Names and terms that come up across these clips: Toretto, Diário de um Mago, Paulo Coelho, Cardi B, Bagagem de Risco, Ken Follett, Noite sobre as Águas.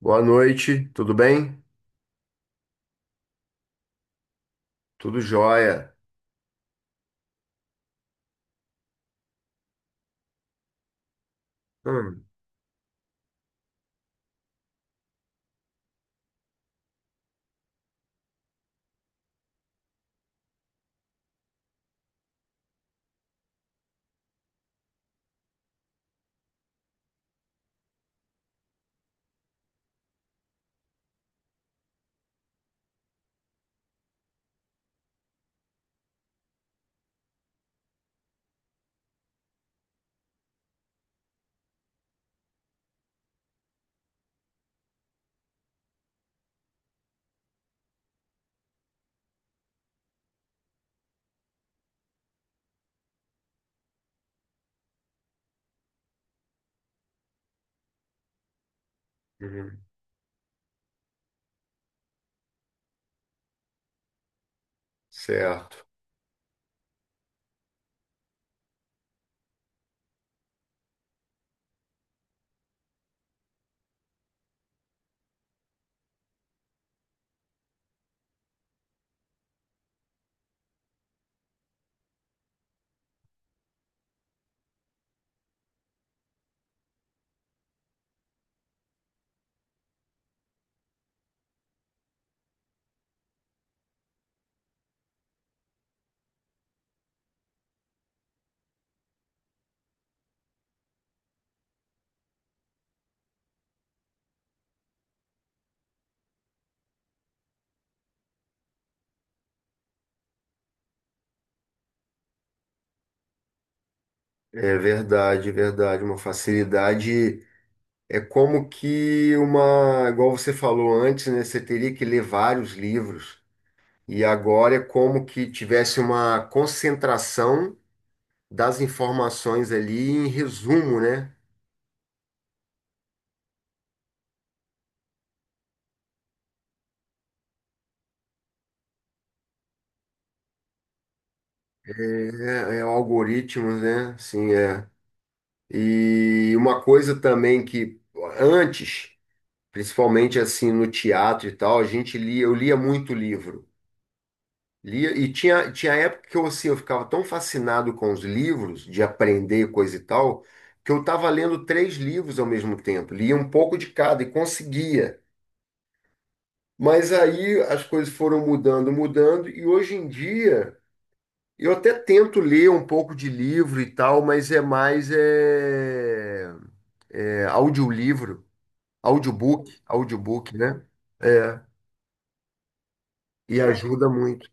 Boa noite, tudo bem? Tudo jóia. Hum. Uhum, certo. É verdade, verdade. Uma facilidade é como que uma, igual você falou antes, né? Você teria que ler vários livros. E agora é como que tivesse uma concentração das informações ali em resumo, né? É algoritmos, né? Sim, é. E uma coisa também que antes, principalmente assim no teatro e tal, a gente lia, eu lia muito livro. Lia, e tinha época que eu, assim, eu ficava tão fascinado com os livros, de aprender coisa e tal, que eu estava lendo três livros ao mesmo tempo, lia um pouco de cada e conseguia. Mas aí as coisas foram mudando, e hoje em dia eu até tento ler um pouco de livro e tal, mas é mais audiolivro, audiobook, né? É, e ajuda muito.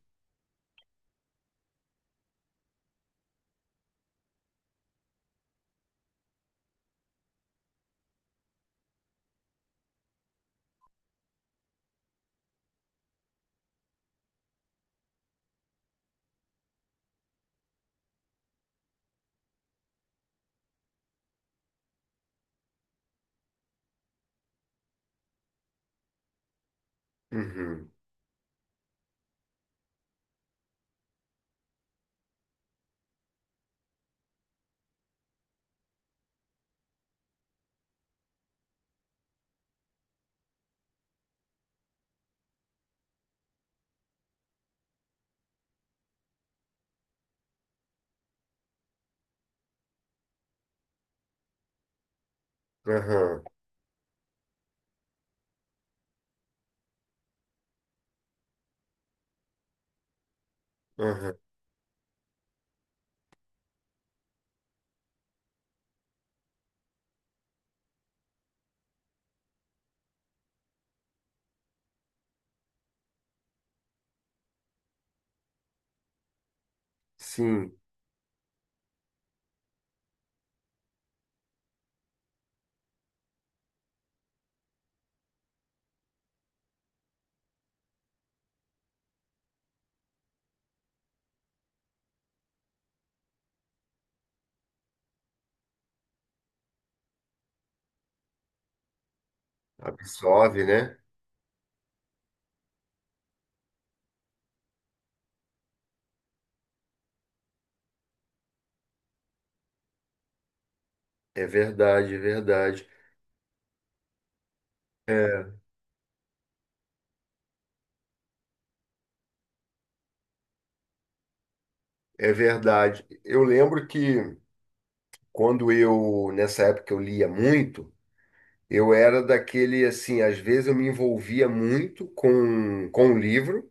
Uhum. Aham. Aham. Sim, absorve, né? É verdade, é verdade. É é verdade. Eu lembro que quando eu, nessa época, eu lia muito, eu era daquele assim, às vezes eu me envolvia muito com o livro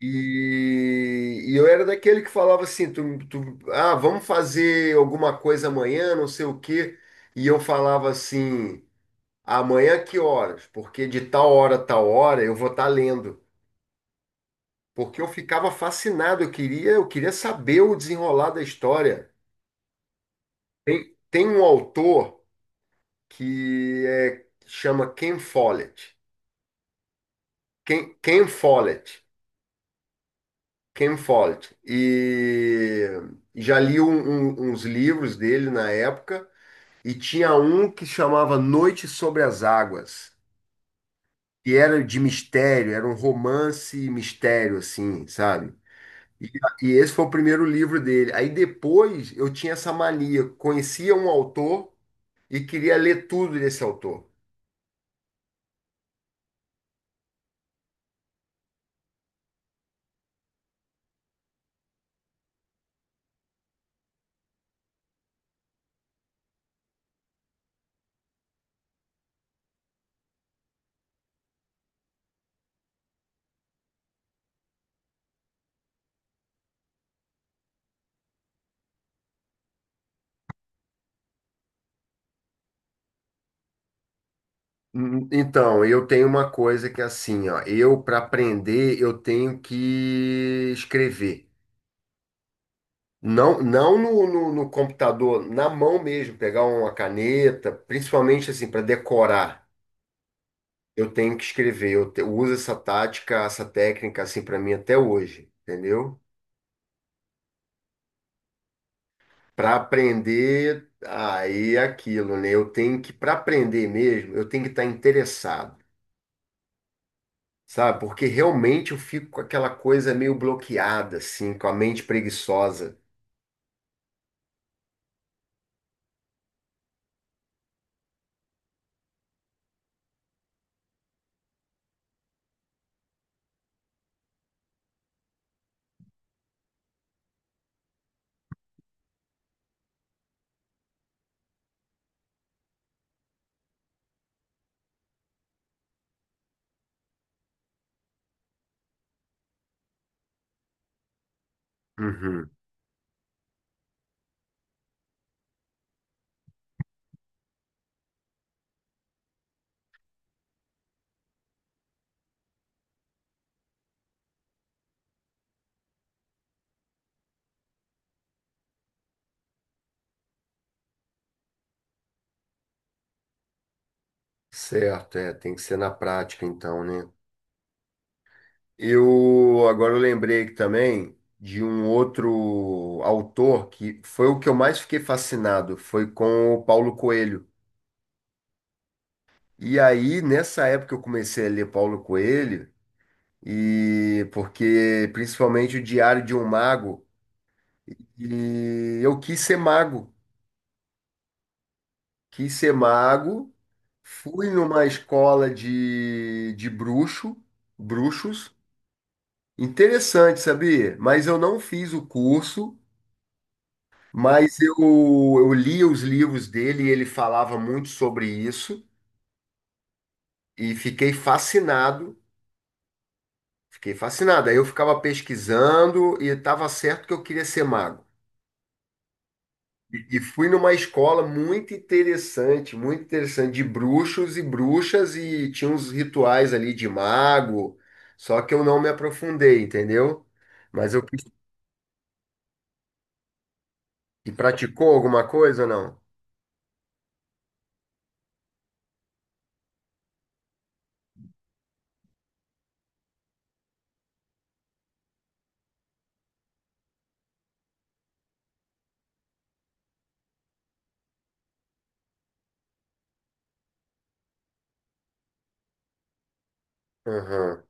e eu era daquele que falava assim, ah, vamos fazer alguma coisa amanhã, não sei o quê. E eu falava assim. Amanhã que horas? Porque de tal hora a tal hora eu vou estar lendo. Porque eu ficava fascinado, eu queria saber o desenrolar da história. Tem um autor chama Ken Follett. Ken Follett. Ken Follett. E já li uns livros dele na época, e tinha um que chamava Noite sobre as Águas, que era de mistério, era um romance e mistério, assim, sabe? E, e esse foi o primeiro livro dele. Aí depois eu tinha essa mania, conhecia um autor e queria ler tudo desse autor. Hum. Então, eu tenho uma coisa que é assim, ó, eu para aprender eu tenho que escrever. Não no computador, na mão mesmo, pegar uma caneta, principalmente assim para decorar. Eu tenho que escrever, uso essa tática, essa técnica assim para mim até hoje, entendeu? Para aprender, aí é aquilo, né? Eu tenho que, para aprender mesmo, eu tenho que estar interessado, sabe? Porque realmente eu fico com aquela coisa meio bloqueada, assim, com a mente preguiçosa. Uhum. Certo, é, tem que ser na prática, então, né? Eu agora eu lembrei que também de um outro autor que foi o que eu mais fiquei fascinado, foi com o Paulo Coelho. E aí, nessa época que eu comecei a ler Paulo Coelho, e porque principalmente o Diário de um Mago, e eu quis ser mago, fui numa escola de bruxos. Interessante, sabia? Mas eu não fiz o curso, mas eu li os livros dele e ele falava muito sobre isso e fiquei fascinado, fiquei fascinado. Aí eu ficava pesquisando e estava certo que eu queria ser mago. E fui numa escola muito interessante, de bruxos e bruxas, e tinha uns rituais ali de mago, só que eu não me aprofundei, entendeu? Mas eu quis. E praticou alguma coisa ou não? Aham.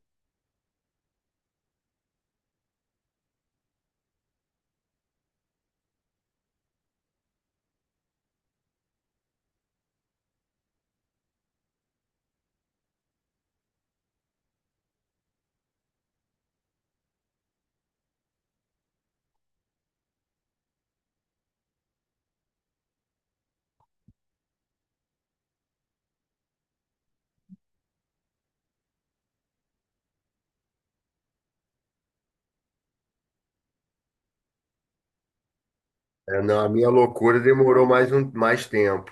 É, não, a minha loucura demorou mais tempo.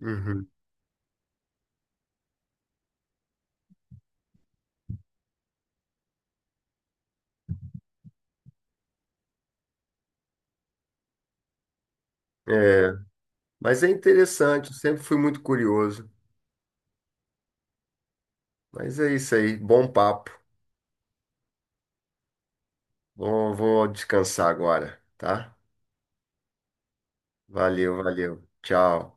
Uhum. É, mas é interessante, eu sempre fui muito curioso. Mas é isso aí, bom papo. Vou descansar agora, tá? Valeu, valeu. Tchau.